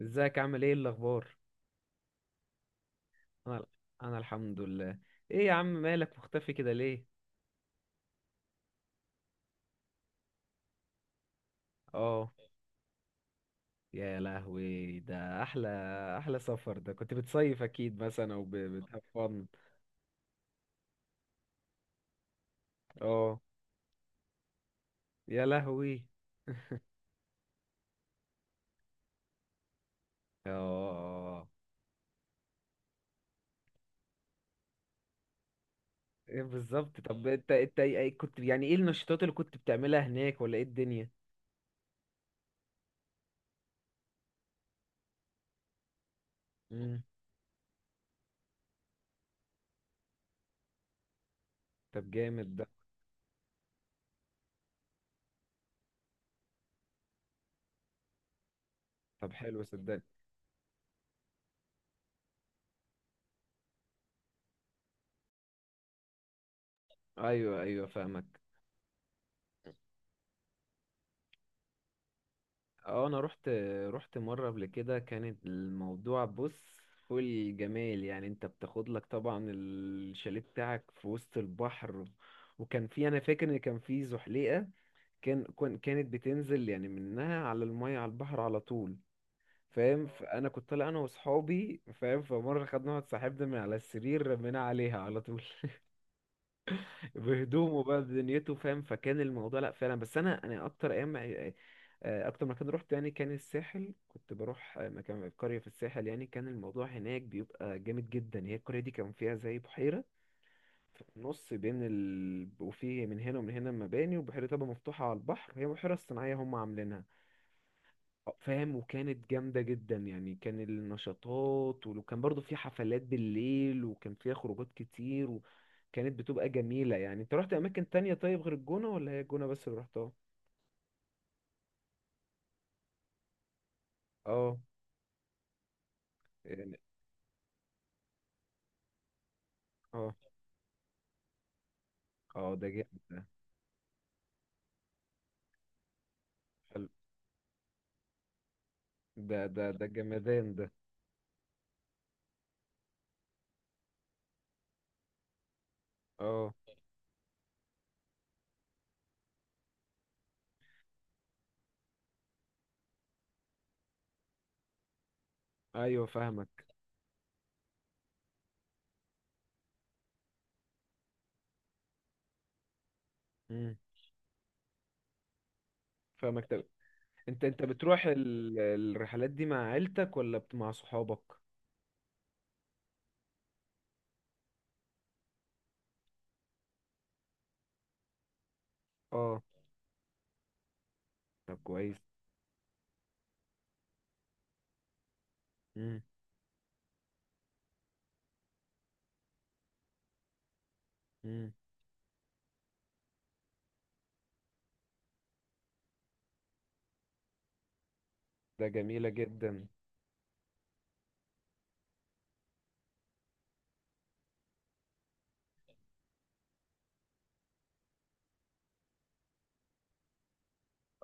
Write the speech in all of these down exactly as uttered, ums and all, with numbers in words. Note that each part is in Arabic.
ازيك عامل ايه الاخبار؟ انا انا الحمد لله. ايه يا عم مالك مختفي كده ليه؟ اه، يا لهوي ده احلى. احلى سفر ده، كنت بتصيف اكيد مثلا او بتهفن؟ اه، يا لهوي. اه. ايه بالظبط؟ طب انت انت إيه- إيه كنت، يعني ايه النشاطات اللي كنت بتعملها هناك ولا ايه الدنيا؟ امم طب جامد ده. طب حلو صدقني. ايوه ايوه فاهمك. اه انا رحت. رحت مره قبل كده، كانت الموضوع بص، فل جمال يعني. انت بتاخد لك طبعا الشاليه بتاعك في وسط البحر، وكان في، انا فاكر ان كان في زحليقه. كان كان- كانت بتنزل يعني منها على الميه، على البحر على طول، فاهم؟ فانا كنت طالع انا واصحابي، فاهم؟ فمره خدنا واحد صاحبنا من على السرير، رمينا عليها على طول بهدومه بقى بدنيته، فاهم؟ فكان الموضوع لا فعلا. بس انا انا اكتر ايام آه، آه، اكتر مكان رحت يعني كان الساحل. كنت بروح آه، مكان قرية في الساحل، يعني كان الموضوع هناك بيبقى جامد جدا. هي القرية دي كان فيها زي بحيرة في النص، بين ال... وفي من هنا ومن هنا مباني، والبحيرة طبعا مفتوحة على البحر، وهي بحيرة صناعية هم عاملينها، فاهم؟ وكانت جامدة جدا يعني. كان النشاطات ول- وكان برضو في حفلات بالليل، وكان فيها خروجات كتير، وكانت بتبقى جميلة يعني. انت رحت اماكن تانية طيب غير الجونة، ولا هي الجونة بس اللي رحتها؟ اه. يعني. اه. اه ده جامد ده. حلو. ده ده ده جمدان ده. اه. ايوه فاهمك. امم. فاهمك. طب انت انت بتروح ال- الرحلات دي مع عيلتك، ولا بت- مع صحابك؟ اه. طب كويس. امم. امم. ده جميلة جدا.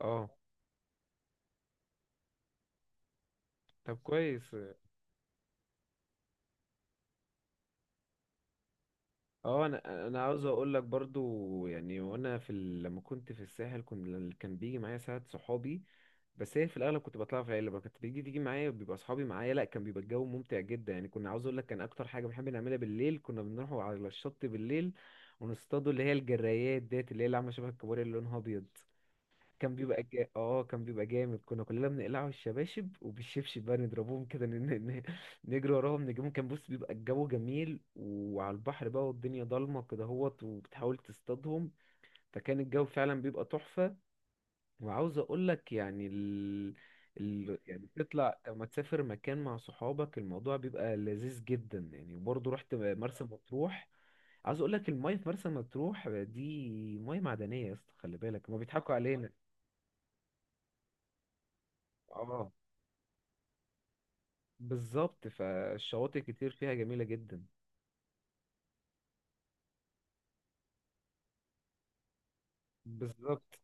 اه. طب كويس. اه، انا انا عاوز اقول لك برضو يعني، وانا في ال... لما كنت في الساحل كنت، اللي كان بيجي معايا ساعات صحابي، بس هي في الاغلب كنت بطلع في العيله. ما كانت بيجي تيجي معايا، بيبقى اصحابي معايا. لا، كان بيبقى الجو ممتع جدا يعني. كنا، عاوز اقول لك، كان اكتر حاجه بنحب نعملها بالليل، كنا بنروح على الشط بالليل ونصطادوا اللي هي الجرايات ديت، اللي هي اللي عامله شبه الكابوريا اللي لونها ابيض. كان بيبقى جا... اه كان بيبقى جامد. كنا كلنا بنقلعه الشباشب وبالشبشب بقى نضربوهم كده، ن... ن... ن- نجري وراهم نجيبهم. كان بص بيبقى الجو جميل، وعلى البحر بقى والدنيا ضلمة كده، هوت وبتحاول تصطادهم. فكان الجو فعلا بيبقى تحفة. وعاوز اقول لك يعني ال... ال... يعني تطلع لما تسافر مكان مع صحابك، الموضوع بيبقى لذيذ جدا يعني. وبرضه رحت مرسى مطروح. عاوز اقول لك، المايه في مرسى مطروح دي مايه معدنيه يا اسطى، خلي بالك ما بيضحكوا علينا. اه بالظبط، فالشواطئ كتير فيها جميلة جدا. بالظبط.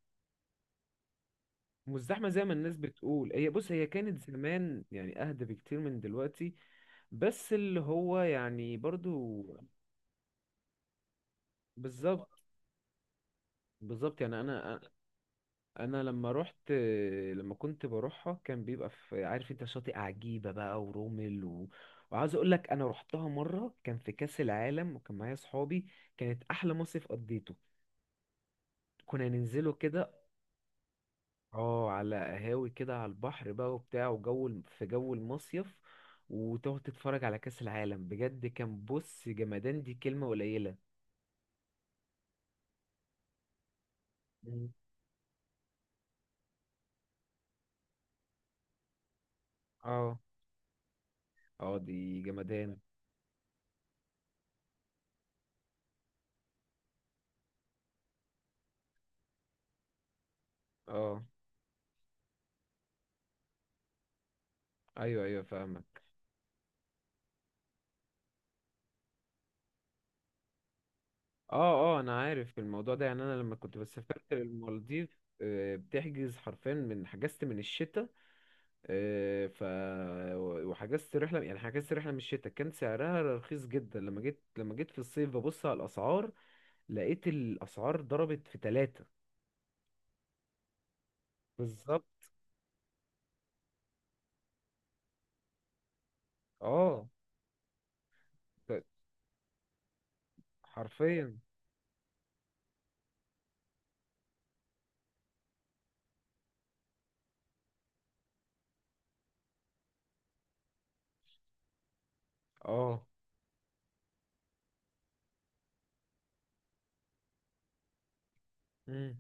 مش زحمة زي ما الناس بتقول. هي بص، هي كانت زمان يعني أهدى بكتير من دلوقتي، بس اللي هو يعني برضو. بالظبط. بالظبط يعني. أنا، أنا لما رحت، لما كنت بروحها، كان بيبقى في، عارف أنت، شاطئ عجيبة بقى ورومل و... وعاوز أقول لك، أنا رحتها مرة كان في كأس العالم وكان معايا صحابي، كانت أحلى مصيف قضيته. كنا ننزله كده اه، على قهاوي كده على البحر بقى وبتاع، وجو الم- في جو المصيف، وتقعد تتفرج على كأس العالم. بجد كان بص جمدان، دي كلمة قليلة. مم. اه. اه دي جمدان. اه. ايوه ايوه فاهمك. اه اه انا عارف الموضوع ده يعني. انا لما كنت بسافرت للمالديف، آه، بتحجز حرفيا، من حجزت من الشتاء. آه، ف وحجزت رحله، يعني حجزت رحله من الشتاء كان سعرها رخيص جدا. لما جيت، لما جيت في الصيف ببص على الاسعار، لقيت الاسعار ضربت في ثلاثة. بالظبط. اه. ف- حرفيا. اه. امم.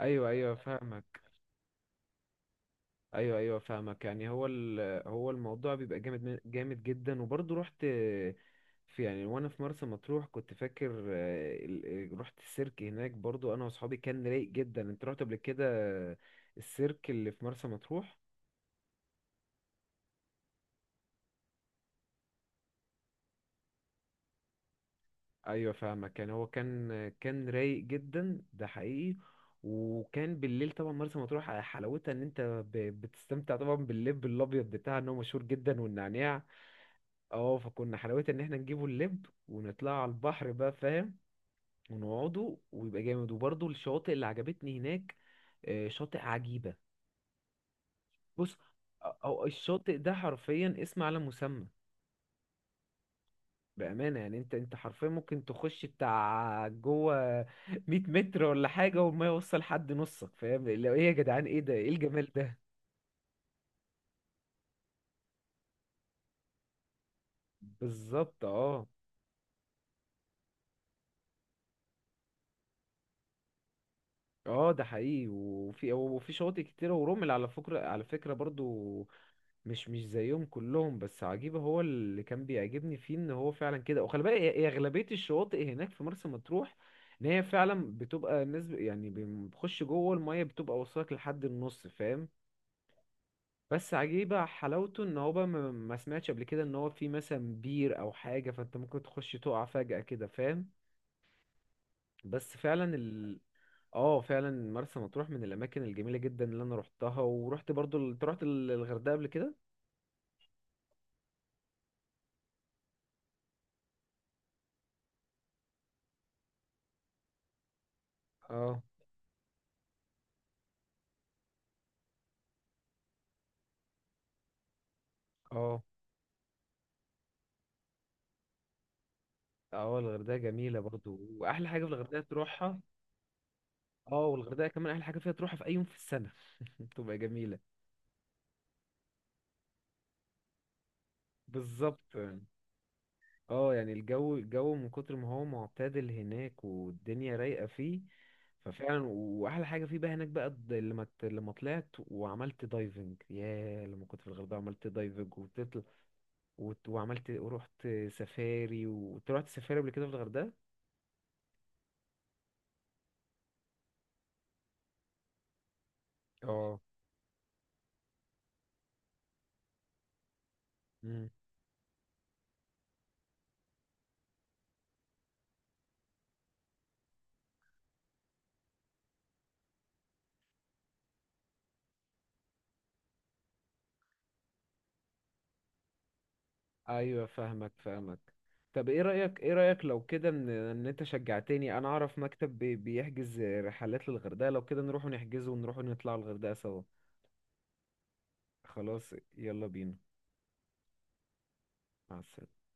ايوه ايوه فاهمك. ايوه ايوه فاهمك يعني هو ال- هو الموضوع بيبقى جامد، من- جامد جدا. وبرضه رحت في يعني، وانا في مرسى مطروح كنت فاكر، آه، ال- ال- رحت السيرك هناك برضه انا واصحابي، كان رايق جدا. انت رحت قبل كده السيرك اللي في مرسى مطروح؟ ايوه فاهمك. كان هو كان كان رايق جدا ده حقيقي. وكان بالليل طبعا مرسى مطروح حلاوتها ان انت ب- بتستمتع طبعا باللب الابيض بتاعها، ان هو مشهور جدا، والنعناع. اه، فكنا حلاوتها ان احنا نجيبه اللب ونطلع على البحر بقى، فاهم؟ ونقعده ويبقى جامد. وبرضه الشواطئ اللي عجبتني هناك آه، شاطئ عجيبة. بص، أو الشاطئ ده حرفيا اسم على مسمى. بأمانة يعني، انت انت حرفيا ممكن تخش بتاع جوه مية متر ولا حاجة وما يوصل حد نصك، فاهم؟ لو، ايه يا جدعان، ايه ده، ايه الجمال ده؟ بالظبط. اه. اه ده حقيقي. وفي، وفي شواطئ كتيرة ورمل على فكرة، على فكرة برضو، مش، مش زيهم كلهم، بس عجيبة هو اللي كان بيعجبني فيه ان هو فعلا كده. وخلي بالك هي- هي أغلبية الشواطئ هناك في مرسى مطروح، ان هي فعلا بتبقى الناس ب- يعني بتخش جوه المية، بتبقى وصلك لحد النص، فاهم؟ بس عجيبة حلاوته ان هو بقى ما ما سمعتش قبل كده ان هو في مثلا بير او حاجة، فانت ممكن تخش تقع فجأة كده، فاهم؟ بس فعلا ال، اه فعلا مرسى مطروح من الاماكن الجميلة جدا اللي انا روحتها. ورحت برضو ال- انت رحت ال- الغردقة قبل كده؟ اه. اه. اه الغردقة جميلة برضو. واحلى حاجة في الغردقة تروحها، اه، والغردقة كمان احلى حاجة فيها تروحها في اي يوم في السنة، تبقى جميلة. بالظبط. اه، يعني الجو، الجو من كتر ما هو معتدل هناك والدنيا رايقة فيه، ففعلا. واحلى حاجة فيه بقى هناك بقى الد- لما ت- لما طلعت وعملت دايفنج. ياه لما كنت في الغردقة عملت دايفنج وتطلع وت- وعملت ورحت سفاري، ورحت سفاري قبل كده في الغردقة. اه. مم. ايوه فاهمك فاهمك. طب ايه رأيك، ايه رأيك لو كده، ان ان انت شجعتني، انا اعرف مكتب بي- بيحجز رحلات للغردقة، لو كده نروح نحجزه ونروح نطلع الغردقة سوا؟ خلاص يلا بينا. مع السلامة.